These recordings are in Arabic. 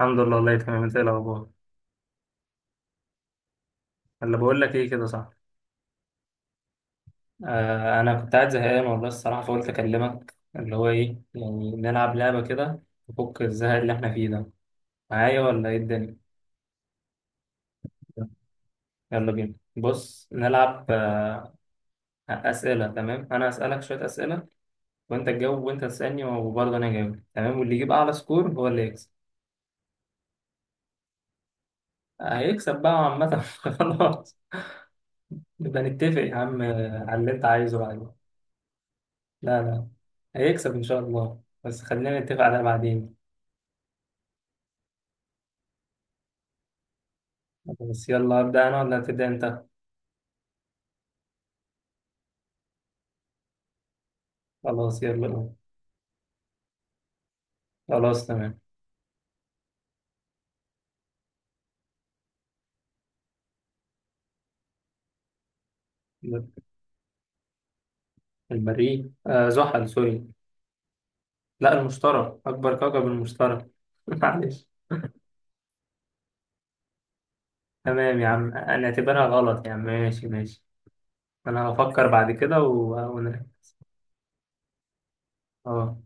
الحمد لله، والله تمام. انت ايه الاخبار؟ اللي بقول لك ايه، كده صح؟ انا كنت قاعد زهقان والله الصراحه، فقلت اكلمك اللي هو ايه يعني، نلعب لعبه كده تفك الزهق اللي احنا فيه ده، معايا ولا ايه الدنيا؟ يلا بينا بص نلعب اسئله. تمام، انا اسالك شويه اسئله وانت تجاوب، وانت تسالني وبرضه انا اجاوب، تمام؟ واللي يجيب اعلى سكور هو اللي يكسب. هيكسب بقى عامه خلاص. نبقى نتفق يا عم، على اللي انت عايزه بعدين. لا لا، هيكسب ان شاء الله، بس خلينا نتفق على بعدين. خلاص، يلا أبدأ أنا ولا هتبدأ أنت؟ خلاص يلا. خلاص تمام. المريخ، زحل. سوري، لا المشتري أكبر كوكب، المشتري معلش. تمام يا عم، أنا اعتبرها غلط يا عم، ماشي ماشي. أنا هفكر بعد كده ونرجع. أه.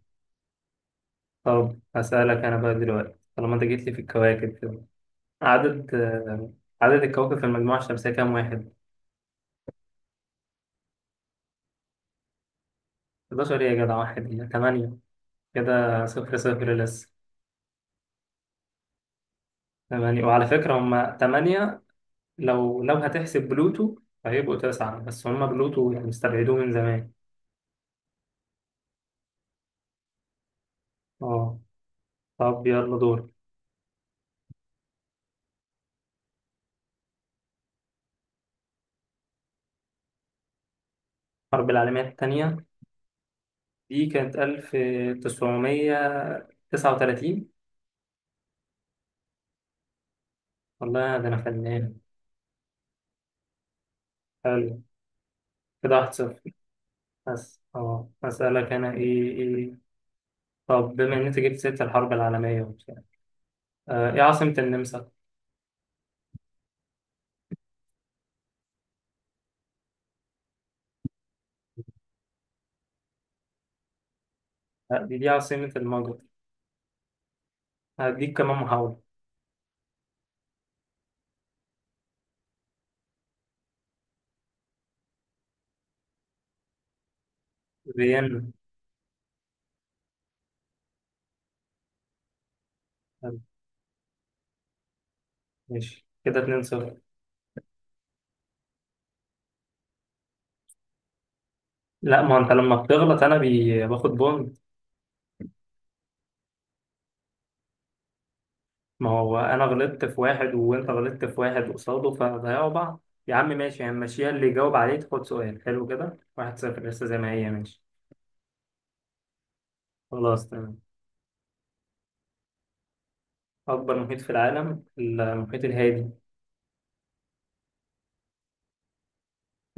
طب هسألك أنا بقى دلوقتي، طالما أنت جيت لي في الكواكب كده. عدد آه عدد الكواكب في المجموعة الشمسية كام واحد؟ 11 إيه يا جدع، واحد 8. كده 0-0 لسه. تمانية، وعلى فكرة هما تمانية لو هتحسب بلوتو، فهيبقوا تسعة يعني، بس هما بلوتو يعني استبعدوه من زمان. اه طب يلا دور. الحرب العالمية التانية دي كانت 1939. والله ده أنا فنان. حلو، كده 1-0. بس أسألك أنا إيه طب بما إن أنت جبت سيرة الحرب العالمية وبتاع، إيه عاصمة النمسا؟ لا، دي عاصمة المجر. هديك كمان محاولة. فيينا. حلو، ماشي كده 2-0. لا، ما انت لما بتغلط انا باخد بونت. ما هو انا غلطت في واحد وانت غلطت في واحد قصاده، فهنضيعوا بعض يا عم. ماشي يعني، ماشيها اللي يجاوب عليه تاخد سؤال حلو كده. 1-0 لسه زي ما هي، ماشي. خلاص تمام. اكبر محيط في العالم المحيط الهادي.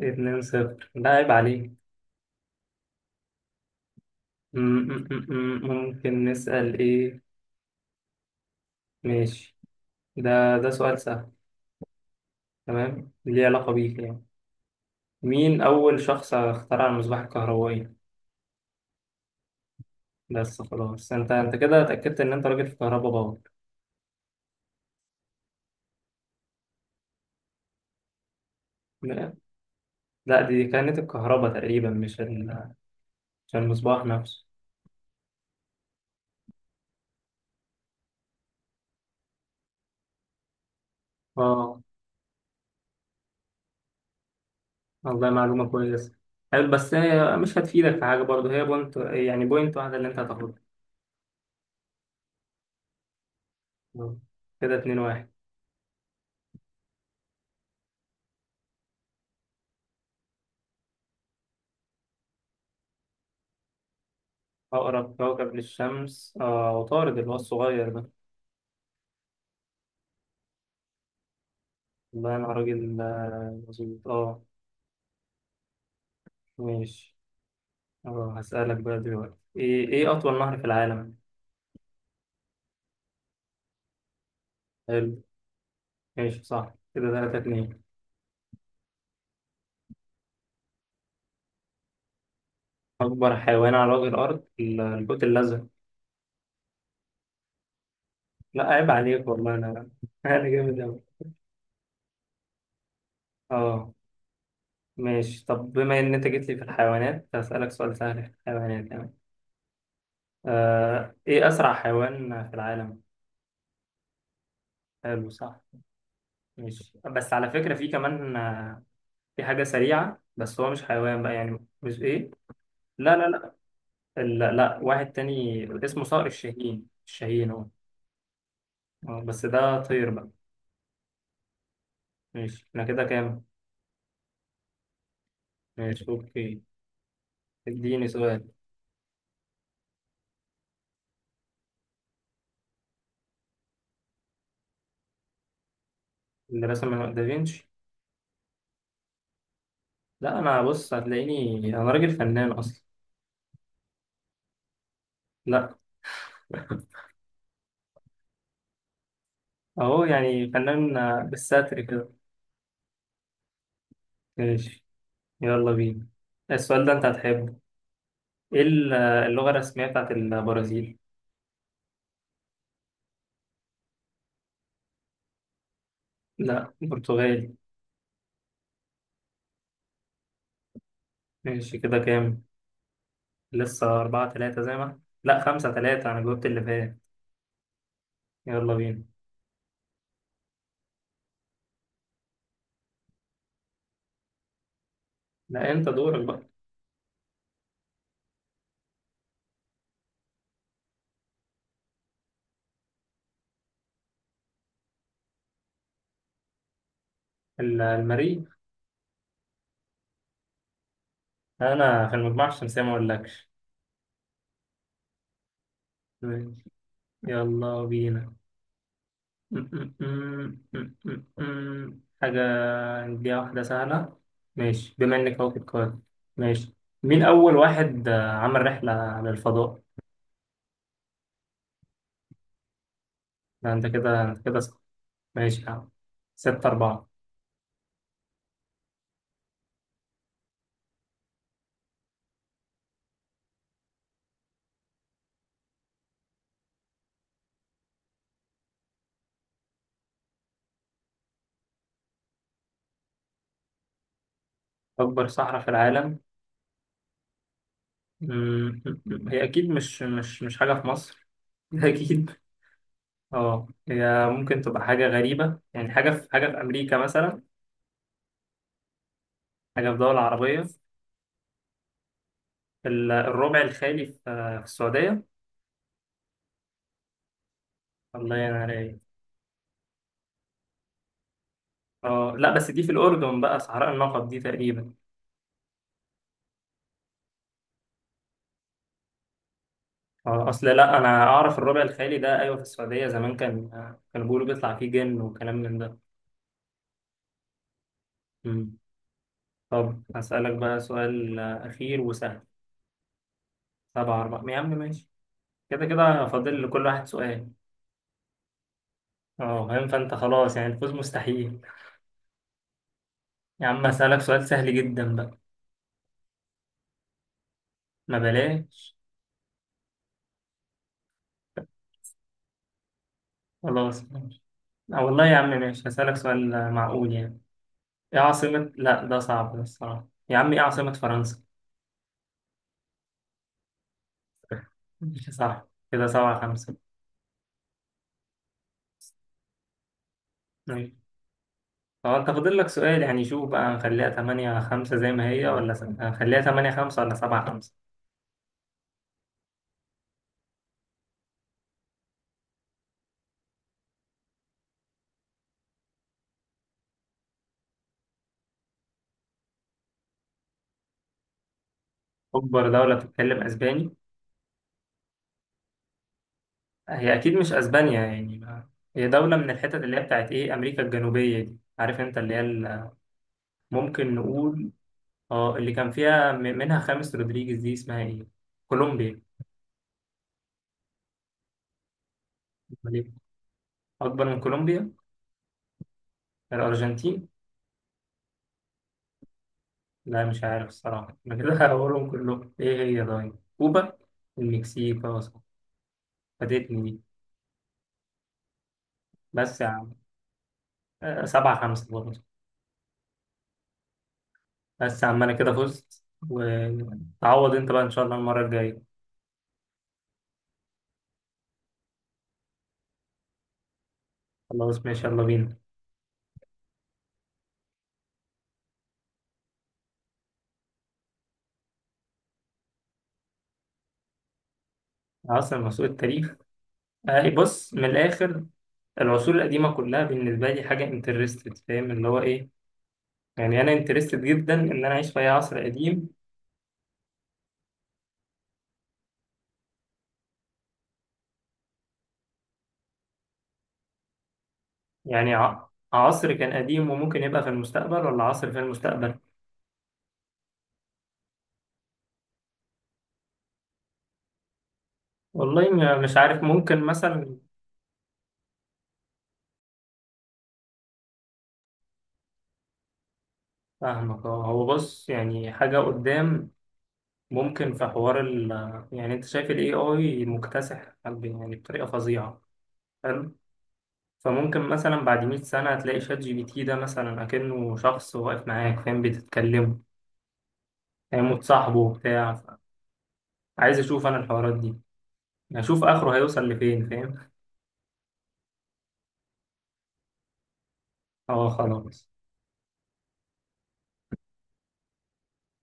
2-0، ده عيب عليه. ممكن نسأل ايه. ماشي، ده سؤال سهل، تمام، ليه علاقة بيك يعني. مين أول شخص اخترع المصباح الكهربائي؟ بس خلاص، انت كده اتأكدت ان انت راجل في كهرباء. باور. لا، دي كانت الكهرباء تقريبا، مش المصباح نفسه. اه، والله معلومة كويسة. حلو، بس هي مش هتفيدك في حاجة برضه، هي بوينت يعني بوينت واحدة اللي انت هتاخدها. آه. كده 2-1. أقرب كوكب للشمس عطارد، اللي هو الصغير ده. والله أنا راجل، مظبوط اه. ماشي، اه هسألك بقى دلوقتي، ايه أطول نهر في العالم؟ حلو. ماشي صح، كده 3-2. أكبر حيوان على وجه الأرض الحوت الأزرق. لا عيب عليك، والله أنا أنا جامد أوي. اه. ماشي، طب بما ان انت جيت لي في الحيوانات هسألك سؤال سهل في الحيوانات يعني. ايه اسرع حيوان في العالم؟ حلو صح. ماشي، بس على فكرة في كمان، في حاجة سريعة، بس هو مش حيوان بقى يعني، مش ايه. لا لا لا. لا، لا. واحد تاني اسمه صقر الشاهين، الشاهين هو. بس ده طير بقى. ماشي، احنا كده كام؟ ماشي اوكي. اديني سؤال. اللي رسم دافينشي. لا، انا بص هتلاقيني انا راجل فنان اصلا. لا. اهو يعني فنان، بالستر كده. ماشي. يلا بينا، السؤال ده انت هتحبه. ايه اللغة الرسمية بتاعت البرازيل؟ لا، برتغالي. ماشي كده كام؟ لسه 4-3 زي ما إحنا. لا، 5-3، أنا جاوبت اللي فات. يلا بينا. لا، أنت دورك بقى. المريخ. أنا في المجموعة الشمسية ما أقولكش. ماشي. يلا بينا. م- م- م- م- م- م. حاجة هنديها واحدة سهلة. ماشي بما إنك أهو بتقول. ماشي، مين أول واحد، عمل رحلة للفضاء؟ ده أنت كده صح. ماشي يا عم، 6-4. أكبر صحراء في العالم، مم، هي أكيد مش حاجة في مصر، أكيد. هي ممكن تبقى حاجة غريبة، يعني حاجة في أمريكا مثلا. حاجة في دول عربية. الربع الخالي في السعودية. الله ينور عليك. أه لا، بس دي في الأردن بقى، صحراء النقب دي تقريبا. اصل لا، انا اعرف الربع الخالي ده، ايوه في السعوديه، زمان كان كانوا بيقولوا بيطلع فيه جن وكلام من ده. مم. طب هسألك بقى سؤال، اخير وسهل. 7-4 يا عم، ماشي. كده كده فاضل لكل واحد سؤال. اه فاهم، فانت خلاص يعني الفوز مستحيل. يا عم هسألك سؤال سهل جدا بقى. ما بلاش. خلاص ماشي. والله يا عم ماشي، هسألك سؤال، معقول يعني. ايه عاصمة، لا ده صعب ده الصراحة يا عم، ايه عاصمة فرنسا؟ ماشي صح، كده 7-5. ماشي. هو انت فاضل لك سؤال يعني، شوف بقى، هنخليها 8-5 زي ما هي، ولا هنخليها 8-5 ولا 7-5؟ أكبر دولة بتتكلم أسباني. هي أكيد مش أسبانيا يعني هي دولة من الحتت اللي هي بتاعت إيه، أمريكا الجنوبية دي، عارف أنت اللي هي. ممكن نقول، اه اللي كان فيها منها خامس رودريجيز، دي اسمها إيه؟ كولومبيا. أمال إيه، أكبر من كولومبيا؟ الأرجنتين. لا، مش عارف الصراحة أنا كده هقولهم كلهم، إيه هي، طيب كوبا. المكسيك. خلاص، فاتتني دي، بس. 7-5 برضه. بس يا عم أنا كده فزت، وتعوض أنت بقى إن شاء الله المرة الجاية. خلاص ماشي، يلا بينا. عاصم عصور التاريخ. إيه، بص من الآخر. العصور القديمة كلها بالنسبة لي حاجة انترستد، فاهم اللي هو إيه. يعني أنا انترستد جدا إن أنا أعيش في أي عصر قديم. يعني عصر كان قديم وممكن يبقى في المستقبل، ولا عصر في المستقبل. والله مش عارف، ممكن مثلا. فاهمك، هو بص يعني حاجة قدام، ممكن في حوار. يعني انت شايف ال AI مكتسح يعني بطريقة فظيعة. حلو. فممكن مثلا بعد 100 سنة هتلاقي شات جي بي تي ده مثلا أكنه شخص واقف معاك، فاهم، بتتكلموا، فاهم وتصاحبه بتاع. عايز أشوف أنا الحوارات دي، أشوف آخره هيوصل لفين، فاهم. اه خلاص.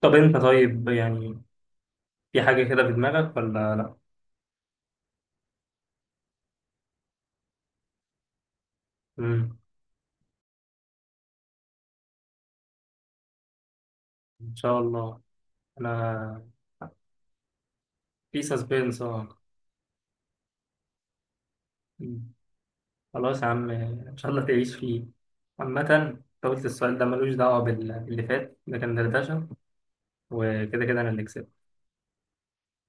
طب أنت طيب يعني، في حاجة كده في دماغك ولا لأ؟ مم. إن شاء الله. أنا في سسبنس، اه. خلاص يا عم، ان شاء الله تعيش فيه. عامة انت قلت السؤال ده ملوش دعوة باللي فات، ده كان دردشة، وكده كده انا اللي كسبت.